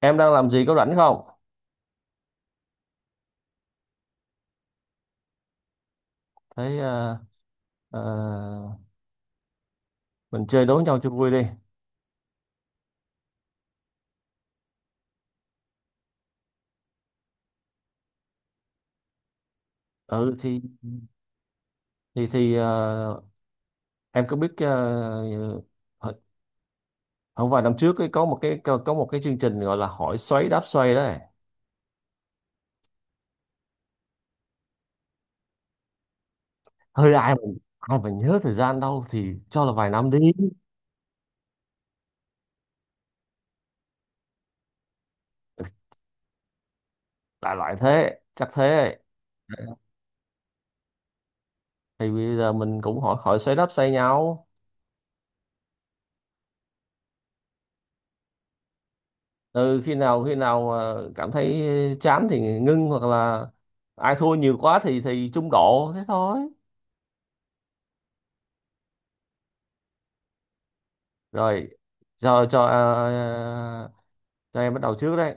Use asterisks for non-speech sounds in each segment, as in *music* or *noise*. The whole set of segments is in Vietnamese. Em đang làm gì, có rảnh không? Thấy ờ, mình chơi đố nhau cho vui đi. Ừ thì thì thì ờ, em có biết không, vài năm trước ấy, có một cái, có một cái chương trình gọi là Hỏi Xoáy Đáp Xoay đấy. Hơi ai mà nhớ thời gian đâu, thì cho là vài năm đi. Ừ, đại loại thế, chắc thế. Thì bây giờ mình cũng hỏi, hỏi xoáy đáp xoay nhau. Ừ, khi nào cảm thấy chán thì ngưng, hoặc là ai thua nhiều quá thì trung độ thế thôi. Rồi, giờ cho cho em bắt đầu trước đấy.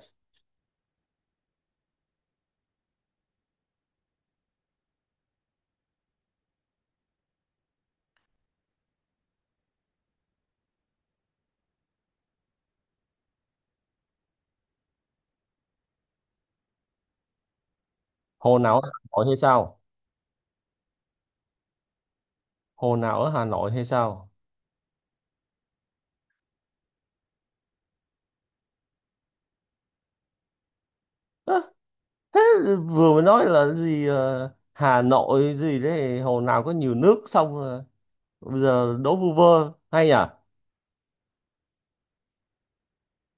Hồ nào ở Hà Nội hay sao? Hồ nào ở Hà Nội hay sao? Ơ, thế vừa mới nói là gì, Hà Nội gì đấy, hồ nào có nhiều nước, xong bây giờ đố vu vơ hay nhỉ?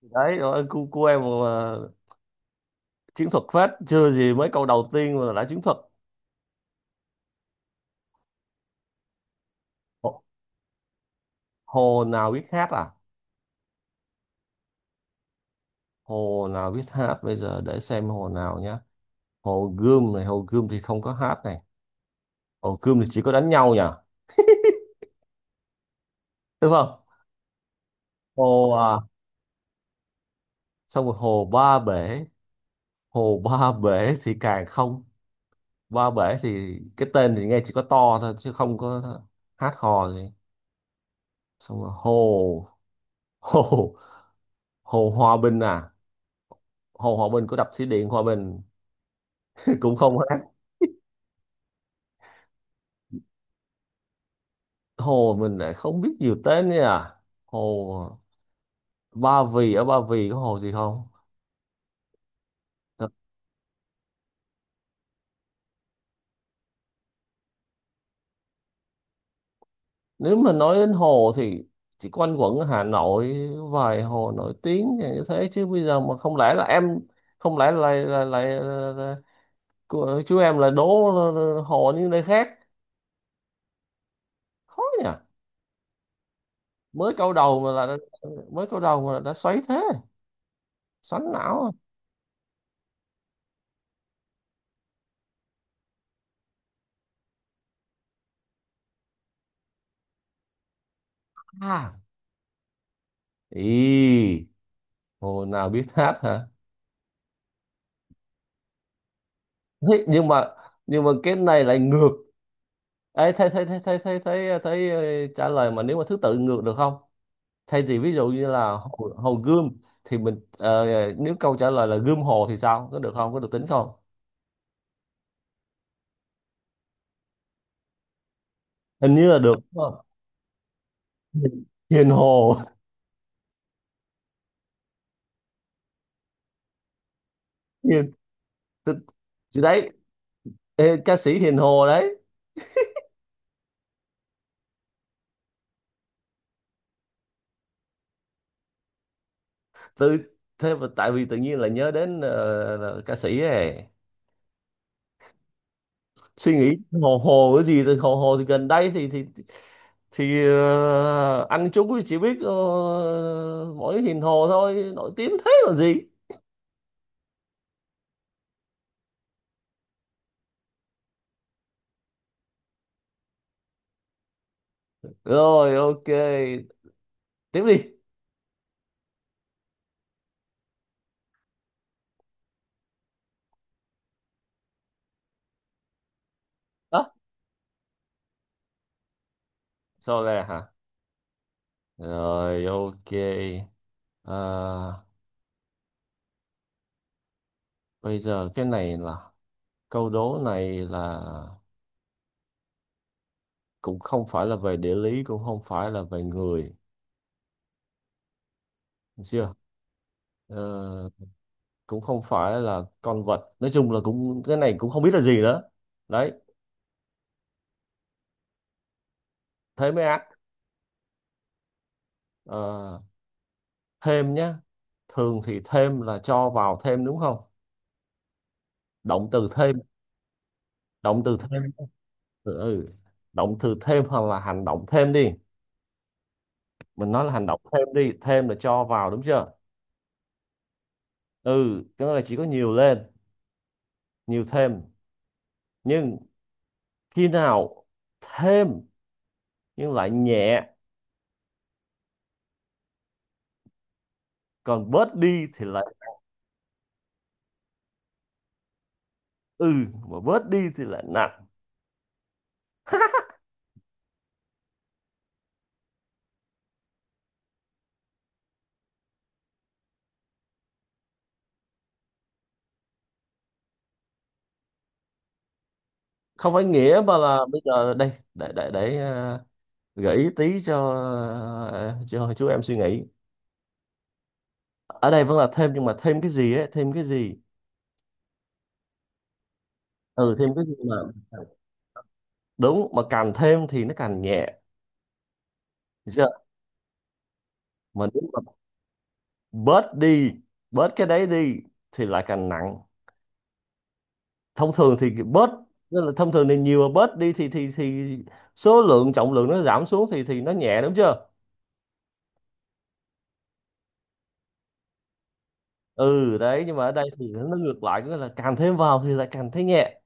Đấy, rồi cô cu em mà chiến thuật phết, chưa gì mấy câu đầu tiên mà đã chiến thuật. Hồ, hồ nào biết hát à? Hồ nào biết hát, bây giờ để xem hồ nào nhá. Hồ Gươm này, hồ Gươm thì không có hát này. Hồ Gươm thì chỉ có đánh nhau nhỉ? Đúng không? Hồ à, xong rồi hồ Ba Bể, hồ Ba Bể thì càng không, Ba Bể thì cái tên thì nghe chỉ có to thôi chứ không có hát hò gì. Xong rồi hồ hồ hồ Hòa Bình à, hồ Hòa Bình của đập thủy điện Hòa Bình *laughs* cũng không hát. Hồ mình lại không biết nhiều tên nha. Hồ Ba Vì, ở Ba Vì có hồ gì không? Nếu mà nói đến hồ thì chỉ quanh quẩn ở Hà Nội vài hồ nổi tiếng như thế, chứ bây giờ mà không lẽ là em, không lẽ là là, chú em là đố hồ như nơi khác. Khó nhỉ. mới câu đầu mà là đã, mới câu đầu mà là đã xoáy thế, xoắn não. À ý hồ nào biết hát hả? Thế nhưng mà, cái này lại ngược. Ê, thấy thấy thấy thấy thấy thấy thấy ờ, trả lời mà nếu mà thứ tự ngược được không? Thay vì ví dụ như là hồ Gươm, thì mình nếu câu trả lời là Gươm Hồ thì sao, có được không, có được tính không? Hình như là được đúng không? Hiền Hiền Hồ. *laughs* Hiền tự- chị đấy, ê, ca sĩ Hiền Hồ đấy. tự thế mà tại vì tự nhiên là nhớ đến là ca sĩ ấy. Suy nghĩ hồ hồ cái gì thì hồ hồ thì gần đây thì anh chúng chỉ biết mỗi Hiền Hồ thôi, nổi tiếng thế còn gì. Rồi, ok, tiếp đi. Sau này hả? Rồi, ok. À, bây giờ cái này là, câu đố này là cũng không phải là về địa lý, cũng không phải là về người, được chưa? Ờ, cũng không phải là con vật. Nói chung là cũng cái này cũng không biết là gì nữa. Đấy, thế mới ác. Ờ, thêm nhá. Thường thì thêm là cho vào thêm đúng không? Động từ thêm, động từ thêm. Ừ, động từ thêm hoặc là hành động thêm đi. Mình nói là hành động thêm đi, thêm là cho vào đúng chưa? Ừ, cái đó là chỉ có nhiều lên, nhiều thêm. Nhưng khi nào thêm nhưng lại nhẹ, còn bớt đi thì lại, ừ, mà bớt đi thì lại nặng. Không phải nghĩa, mà là bây giờ đây để gợi ý tí cho cho chú em suy nghĩ. Ở đây vẫn là thêm, nhưng mà thêm cái gì ấy, thêm cái gì? Ừ, thêm cái gì mà đúng mà càng thêm thì nó càng nhẹ. Được chưa? Mà đúng mà bớt đi, bớt cái đấy đi thì lại càng nặng. Thông thường thì bớt, nên là thông thường thì nhiều, mà bớt đi thì số lượng, trọng lượng nó giảm xuống thì nó nhẹ đúng chưa? Ừ đấy, nhưng mà ở đây thì nó ngược lại, có nghĩa là càng thêm vào thì lại càng thấy nhẹ,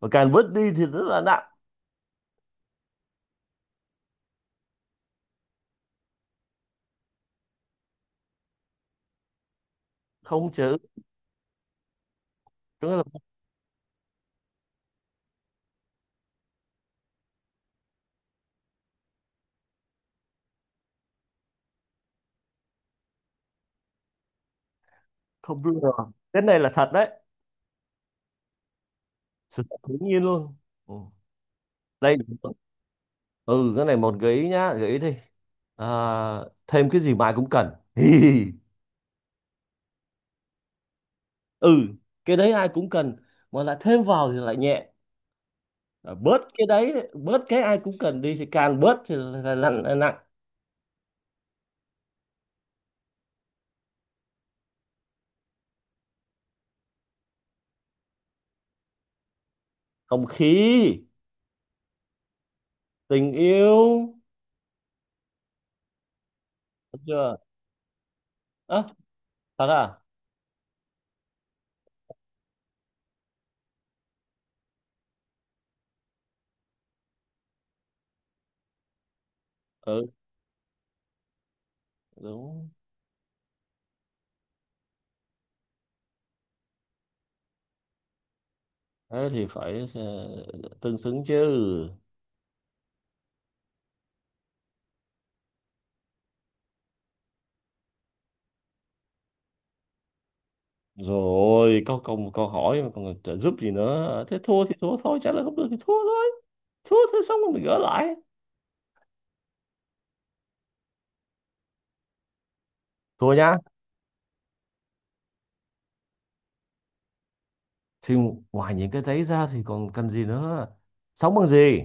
và càng bớt đi thì rất là nặng. Không chữ. Có nghĩa là, không, đúng rồi, cái này là thật đấy. Sự thật hiển nhiên luôn. Ừ. Đây, ừ, cái này một gợi ý nhá, gợi ý đi. À, thêm cái gì mà ai cũng cần. *laughs* Ừ, cái đấy ai cũng cần, mà lại thêm vào thì lại nhẹ. Ờ, bớt cái đấy, bớt cái ai cũng cần đi thì càng bớt thì là nặng, là nặng. Không khí, tình yêu. Được chưa? À, thật à? Ừ, đúng. Thế thì phải tương xứng chứ. Rồi, có câu câu hỏi mà còn trợ giúp gì nữa, thế thua thì thua thôi, chắc là không được thì thua thôi. Thua thôi, xong rồi mình gỡ lại. Thua nhá. Thì ngoài những cái đấy ra thì còn cần gì nữa, sống bằng gì?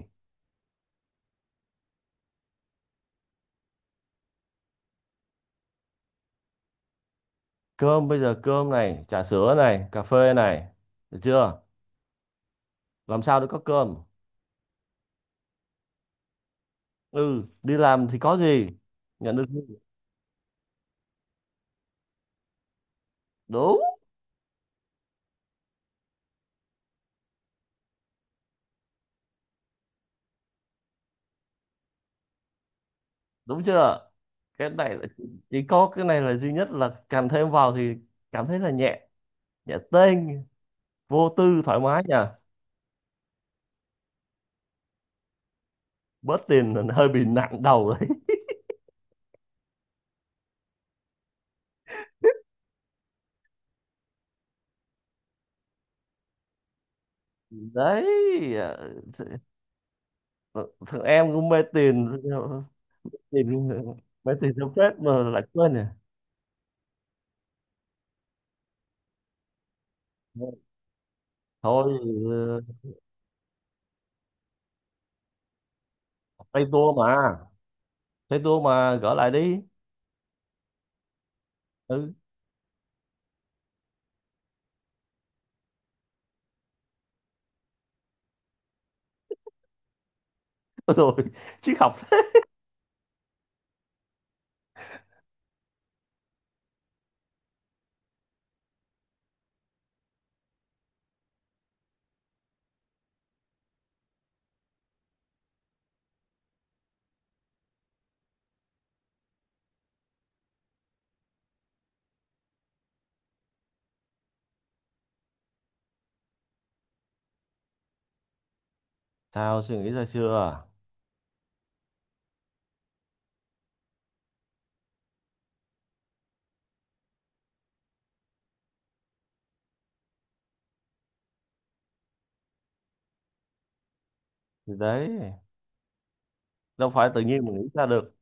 Cơm, bây giờ cơm này, trà sữa này, cà phê này, được chưa? Làm sao để có cơm? Ừ, đi làm thì có gì? Nhận được lương. Đúng. Đúng chưa? Cái này là, chỉ có cái này là duy nhất là càng thêm vào thì cảm thấy là nhẹ, nhẹ tênh, vô tư thoải mái nhỉ. Bớt tiền là hơi bị nặng đầu đấy. *laughs* Đấy, ờ, th- thằng em cũng mê tiền. tiền Mê tiền theo phết mà lại quên nè. Thôi, ờ, tay tua mà. Thấy tôi mà gỡ lại đi. Ừ. *laughs* Rồi, triết học thế. Sao, suy nghĩ ra chưa? À? Thì đấy, đâu phải tự nhiên mà nghĩ ra được.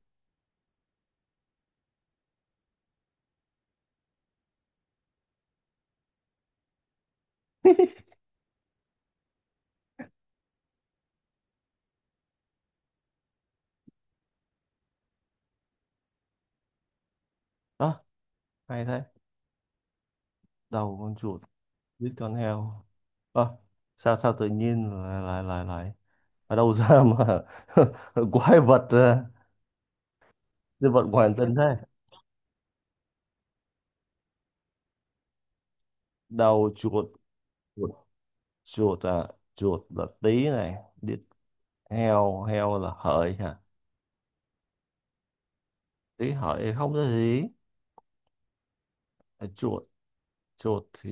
Đó, hay thế. Đầu con chuột, biết con heo. Ờ, sao, sao tự nhiên lại lại lại lại ở đâu ra mà *laughs* quái vật à, nhân vật ngoài hành tinh thế? Đầu chuột, chuột, chuột à, chuột là tí này, đít heo, heo là hợi hả? Tí hợi không có gì. Chuột, chuột thì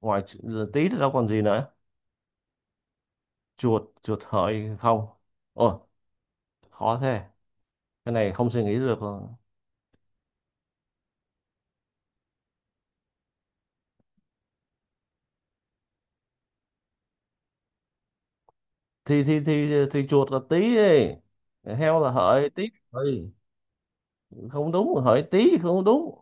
ngoài tí thì đâu còn gì nữa. Chuột, chuột hợi không, ôi khó thế, cái này không suy nghĩ được. Thì chuột là tí ấy. Heo là hợi, tí hợi không đúng, hợi tí không đúng.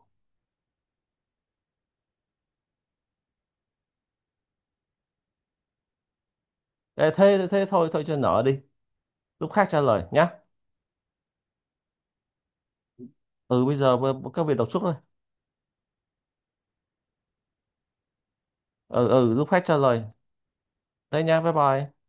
Ê, thế thế thôi thôi cho nợ đi, lúc khác trả lời nhá. Ừ, bây giờ các vị đọc suốt thôi. Ừ lúc khác trả lời. Thế nha, bye bye.